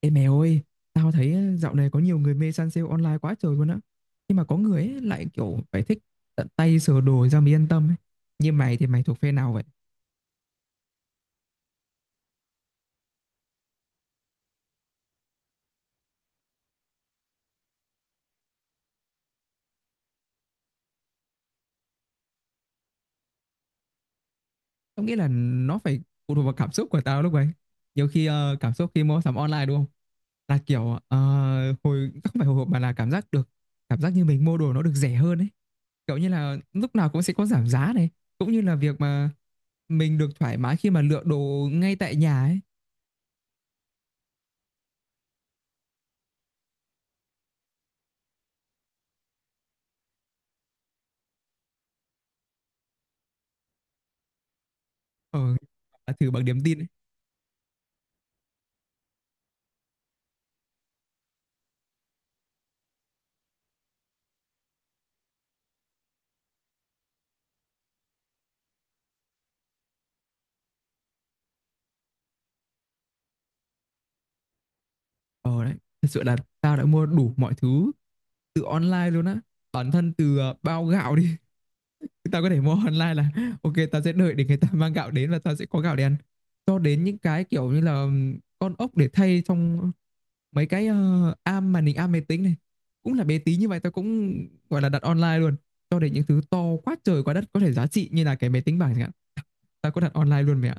Ê mẹ ơi, tao thấy á, dạo này có nhiều người mê săn sale online quá trời luôn á. Nhưng mà có người ấy lại kiểu phải thích tận tay sờ đồ ra mới yên tâm ấy. Như mày thì mày thuộc phe nào vậy? Tao nghĩ là nó phải phụ thuộc vào cảm xúc của tao lúc ấy. Nhiều khi cảm xúc khi mua sắm online đúng không? Là kiểu hồi không phải hồi hộp mà là cảm giác được cảm giác như mình mua đồ nó được rẻ hơn ấy. Kiểu như là lúc nào cũng sẽ có giảm giá này, cũng như là việc mà mình được thoải mái khi mà lựa đồ ngay tại nhà ấy. Ờ, thử bằng niềm tin. Ờ đấy, thật sự là tao đã mua đủ mọi thứ từ online luôn á. Bản thân từ bao gạo đi, tao có thể mua online là ok tao sẽ đợi để người ta mang gạo đến và tao sẽ có gạo để ăn. Cho đến những cái kiểu như là con ốc để thay trong mấy cái am màn hình am máy tính này. Cũng là bé tí như vậy tao cũng gọi là đặt online luôn. Cho đến những thứ to quá trời quá đất có thể giá trị như là cái máy tính bảng chẳng hạn. Tao có đặt online luôn mẹ ạ.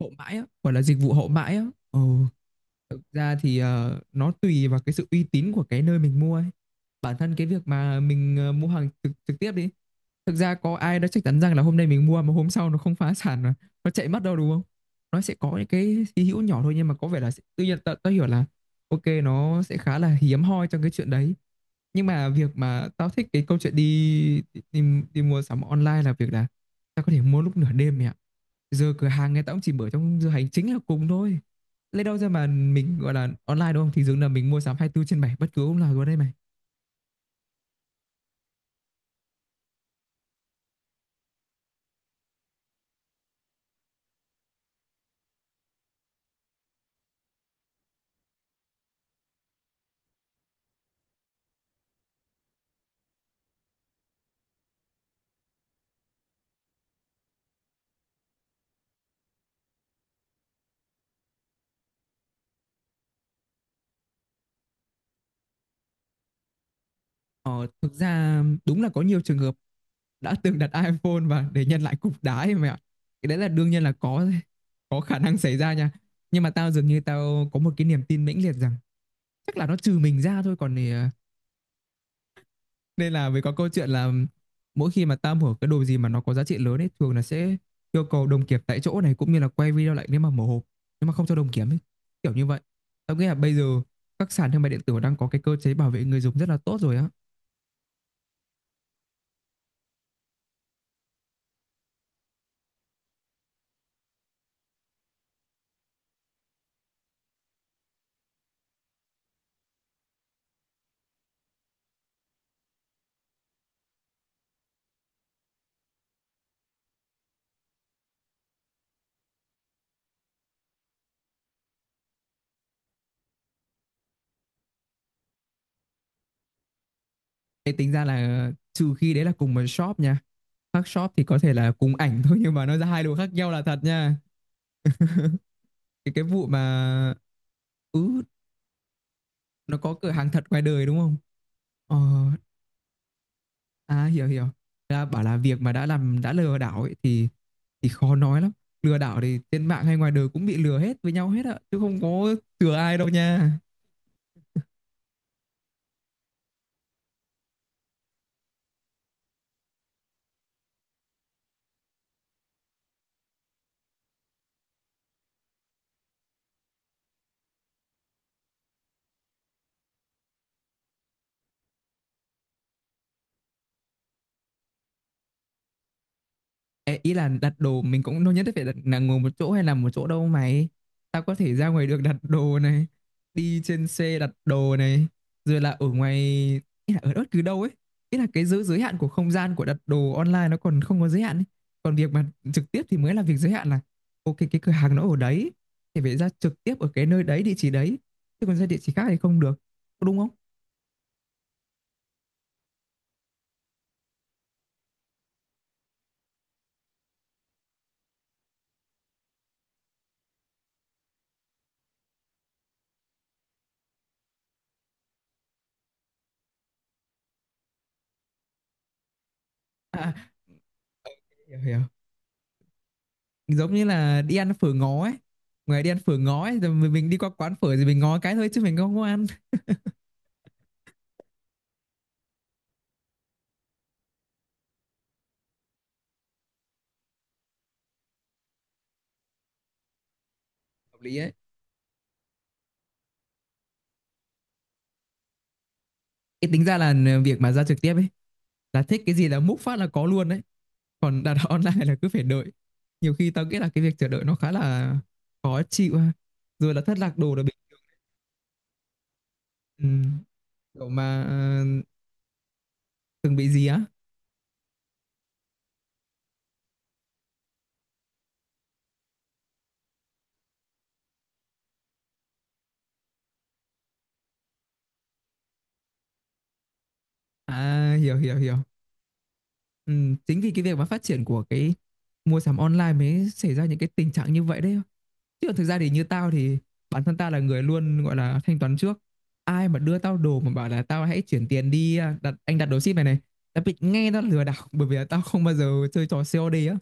Hậu mãi á, gọi là dịch vụ hậu mãi á. Ờ. Thực ra thì nó tùy vào cái sự uy tín của cái nơi mình mua ấy. Bản thân cái việc mà mình mua hàng trực trực tiếp đi, thực ra có ai đó chắc chắn rằng là hôm nay mình mua mà hôm sau nó không phá sản mà nó chạy mất đâu đúng không? Nó sẽ có những cái hy hữu nhỏ thôi nhưng mà có vẻ là sẽ- tự nhiên tao hiểu là ok nó sẽ khá là hiếm hoi trong cái chuyện đấy. Nhưng mà việc mà tao thích cái câu chuyện đi đi, đi mua sắm online là việc là tao có thể mua lúc nửa đêm mẹ ạ. Giờ cửa hàng người ta cũng chỉ mở trong giờ hành chính là cùng thôi. Lấy đâu ra mà mình gọi là online đúng không? Thì dường là mình mua sắm 24 trên 7 bất cứ lúc nào luôn đây này. Ờ, thực ra đúng là có nhiều trường hợp đã từng đặt iPhone và để nhận lại cục đá ấy mày ạ. Cái đấy là đương nhiên là có khả năng xảy ra nha. Nhưng mà tao dường như tao có một cái niềm tin mãnh liệt rằng chắc là nó trừ mình ra thôi còn thì nên là mới có câu chuyện là mỗi khi mà tao mở cái đồ gì mà nó có giá trị lớn ấy thường là sẽ yêu cầu đồng kiểm tại chỗ này cũng như là quay video lại nếu mà mở hộp nhưng mà không cho đồng kiểm ấy kiểu như vậy. Tao nghĩ là bây giờ các sàn thương mại điện tử đang có cái cơ chế bảo vệ người dùng rất là tốt rồi á. Thế tính ra là trừ khi đấy là cùng một shop nha, khác shop thì có thể là cùng ảnh thôi nhưng mà nó ra hai đồ khác nhau là thật nha. Cái vụ mà ừ, nó có cửa hàng thật ngoài đời đúng không. Ờ. À, hiểu hiểu. Là bảo là việc mà đã làm đã lừa đảo ấy thì khó nói lắm. Lừa đảo thì trên mạng hay ngoài đời cũng bị lừa hết với nhau hết ạ, chứ không có chừa ai đâu nha. Ê, ý là đặt đồ mình cũng đâu nhất thiết phải đặt, là ngồi một chỗ hay là một chỗ đâu mày. Tao có thể ra ngoài được đặt đồ này, đi trên xe đặt đồ này, rồi là ở ngoài, ý là ở bất cứ đâu ấy. Ý là cái giới giới hạn của không gian của đặt đồ online nó còn không có giới hạn ấy. Còn việc mà trực tiếp thì mới là việc giới hạn là ok cái cửa hàng nó ở đấy thì phải ra trực tiếp ở cái nơi đấy địa chỉ đấy. Chứ còn ra địa chỉ khác thì không được. Có. Đúng không? À, hiểu hiểu. Giống như là đi ăn phở ngó ấy, ngoài đi ăn phở ngó ấy rồi mình đi qua quán phở thì mình ngó cái thôi chứ mình không có ăn. Hợp lý ấy. Cái tính ra là việc mà ra trực tiếp ấy là thích cái gì là múc phát là có luôn đấy. Còn đặt online là cứ phải đợi. Nhiều khi tao nghĩ là cái việc chờ đợi nó khá là khó chịu ha. Rồi là thất lạc đồ là bị ừ, kiểu mà từng bị gì á. À, hiểu hiểu hiểu. Ừ, chính vì cái việc mà phát triển của cái mua sắm online mới xảy ra những cái tình trạng như vậy đấy, chứ còn thực ra thì như tao thì bản thân tao là người luôn gọi là thanh toán trước. Ai mà đưa tao đồ mà bảo là tao hãy chuyển tiền đi à, đặt anh đặt đồ ship này này, tao bị nghe nó lừa đảo bởi vì là tao không bao giờ chơi trò COD á.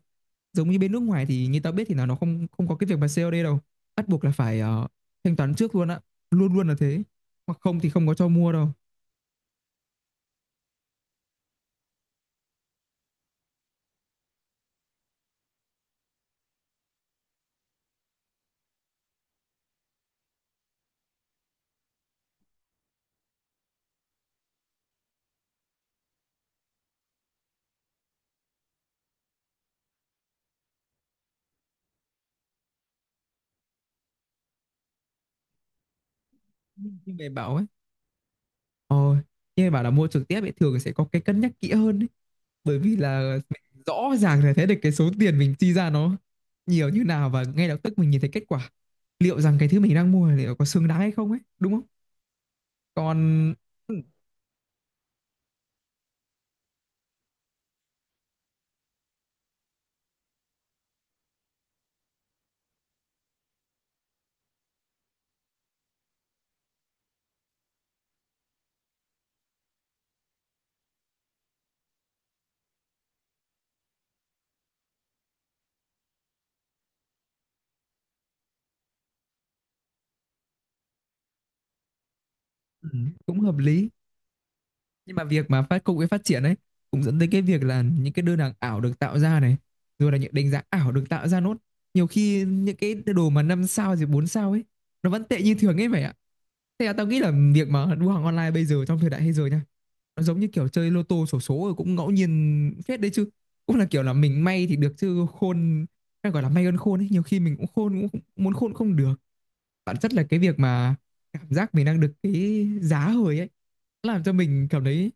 Giống như bên nước ngoài thì như tao biết thì là nó không không có cái việc mà COD đâu, bắt buộc là phải thanh toán trước luôn á, luôn luôn là thế, hoặc không thì không có cho mua đâu. Nhưng mày bảo ấy, ờ, nhưng mày bảo là mua trực tiếp ấy thường sẽ có cái cân nhắc kỹ hơn ấy. Bởi vì là mình rõ ràng là thấy được cái số tiền mình chi ra nó nhiều như nào và ngay lập tức mình nhìn thấy kết quả liệu rằng cái thứ mình đang mua liệu có xứng đáng hay không ấy đúng không. Còn ừ, cũng hợp lý. Nhưng mà việc mà phát công nghệ phát triển ấy cũng dẫn tới cái việc là những cái đơn hàng ảo được tạo ra này rồi là những đánh giá ảo được tạo ra nốt. Nhiều khi những cái đồ mà năm sao rồi bốn sao ấy nó vẫn tệ như thường ấy vậy ạ. Thế là tao nghĩ là việc mà đua hàng online bây giờ trong thời đại bây giờ nha, nó giống như kiểu chơi lô tô xổ số rồi cũng ngẫu nhiên phết đấy chứ. Cũng là kiểu là mình may thì được chứ khôn, hay gọi là may hơn khôn ấy. Nhiều khi mình cũng khôn cũng không- muốn khôn không được. Bản chất là cái việc mà cảm giác mình đang được cái giá hời ấy làm cho mình cảm thấy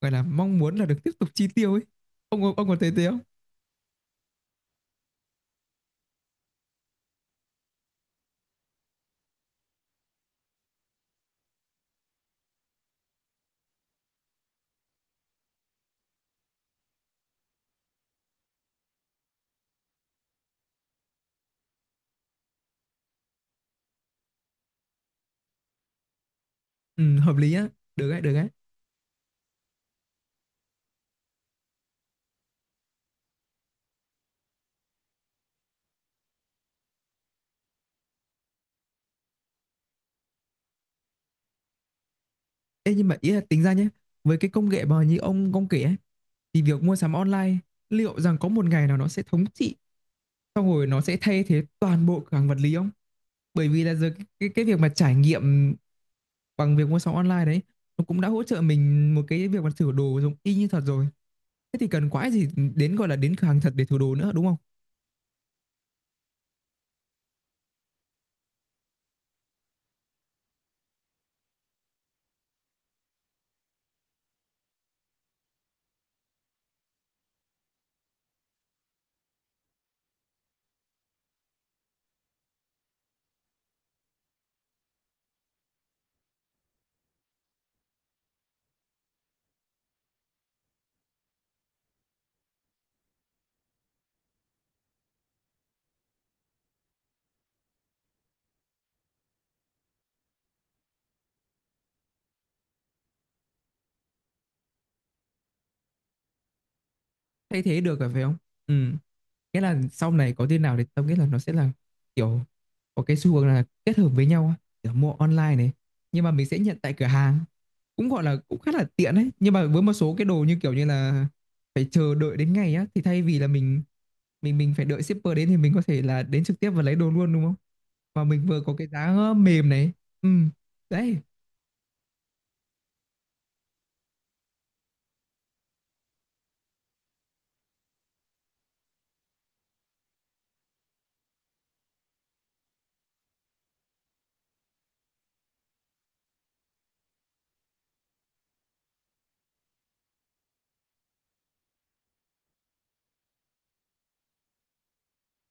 gọi là mong muốn là được tiếp tục chi tiêu ấy. Ông có thấy thế không? Ừ, hợp lý á, được đấy, được đấy. Ê nhưng mà ý là tính ra nhé, với cái công nghệ mà như ông kể ấy thì việc mua sắm online liệu rằng có một ngày nào nó sẽ thống trị, xong rồi nó sẽ thay thế toàn bộ cửa hàng vật lý không? Bởi vì là giờ cái việc mà trải nghiệm bằng việc mua sắm online đấy, nó cũng đã hỗ trợ mình một cái việc mà thử đồ giống y như thật rồi. Thế thì cần quái gì đến, gọi là, đến cửa hàng thật để thử đồ nữa, đúng không? Thay thế được rồi phải không. Ừ, nghĩa là sau này có tin nào thì tao nghĩ là nó sẽ là kiểu có cái xu hướng là kết hợp với nhau á, kiểu mua online này nhưng mà mình sẽ nhận tại cửa hàng cũng gọi là cũng khá là tiện đấy. Nhưng mà với một số cái đồ như kiểu như là phải chờ đợi đến ngày á thì thay vì là mình phải đợi shipper đến thì mình có thể là đến trực tiếp và lấy đồ luôn đúng không, và mình vừa có cái giá mềm này. Ừ đấy.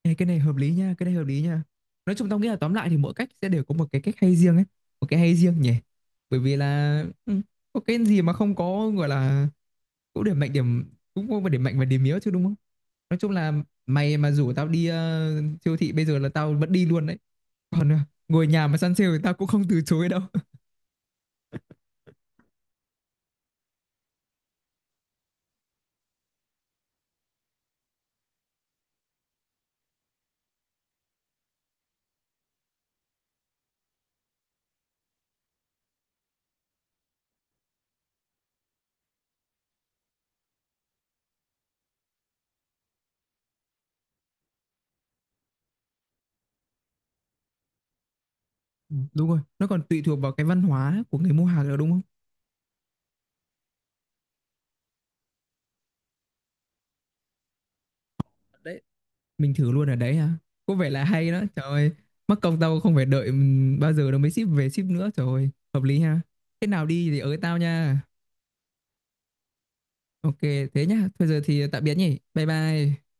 Ê, cái này hợp lý nha, cái này hợp lý nha. Nói chung tao nghĩ là tóm lại thì mỗi cách sẽ đều có một cái cách hay riêng ấy, một cái hay riêng nhỉ. Bởi vì là ừ, có cái gì mà không có gọi là cũng điểm mạnh điểm cũng có điểm mạnh và điểm yếu chứ đúng không? Nói chung là mày mà rủ tao đi siêu thị bây giờ là tao vẫn đi luôn đấy. Còn ngồi nhà mà săn sale thì tao cũng không từ chối đâu. Ừ, đúng rồi, nó còn tùy thuộc vào cái văn hóa của người mua hàng nữa đúng không? Đấy, mình thử luôn ở đấy hả, có vẻ là hay đó trời ơi. Mắc công tao không phải đợi bao giờ nó mới ship về ship nữa trời ơi hợp lý ha. Thế nào đi thì ới tao nha. Ok. Thế nhá, thôi giờ thì tạm biệt nhỉ, bye bye.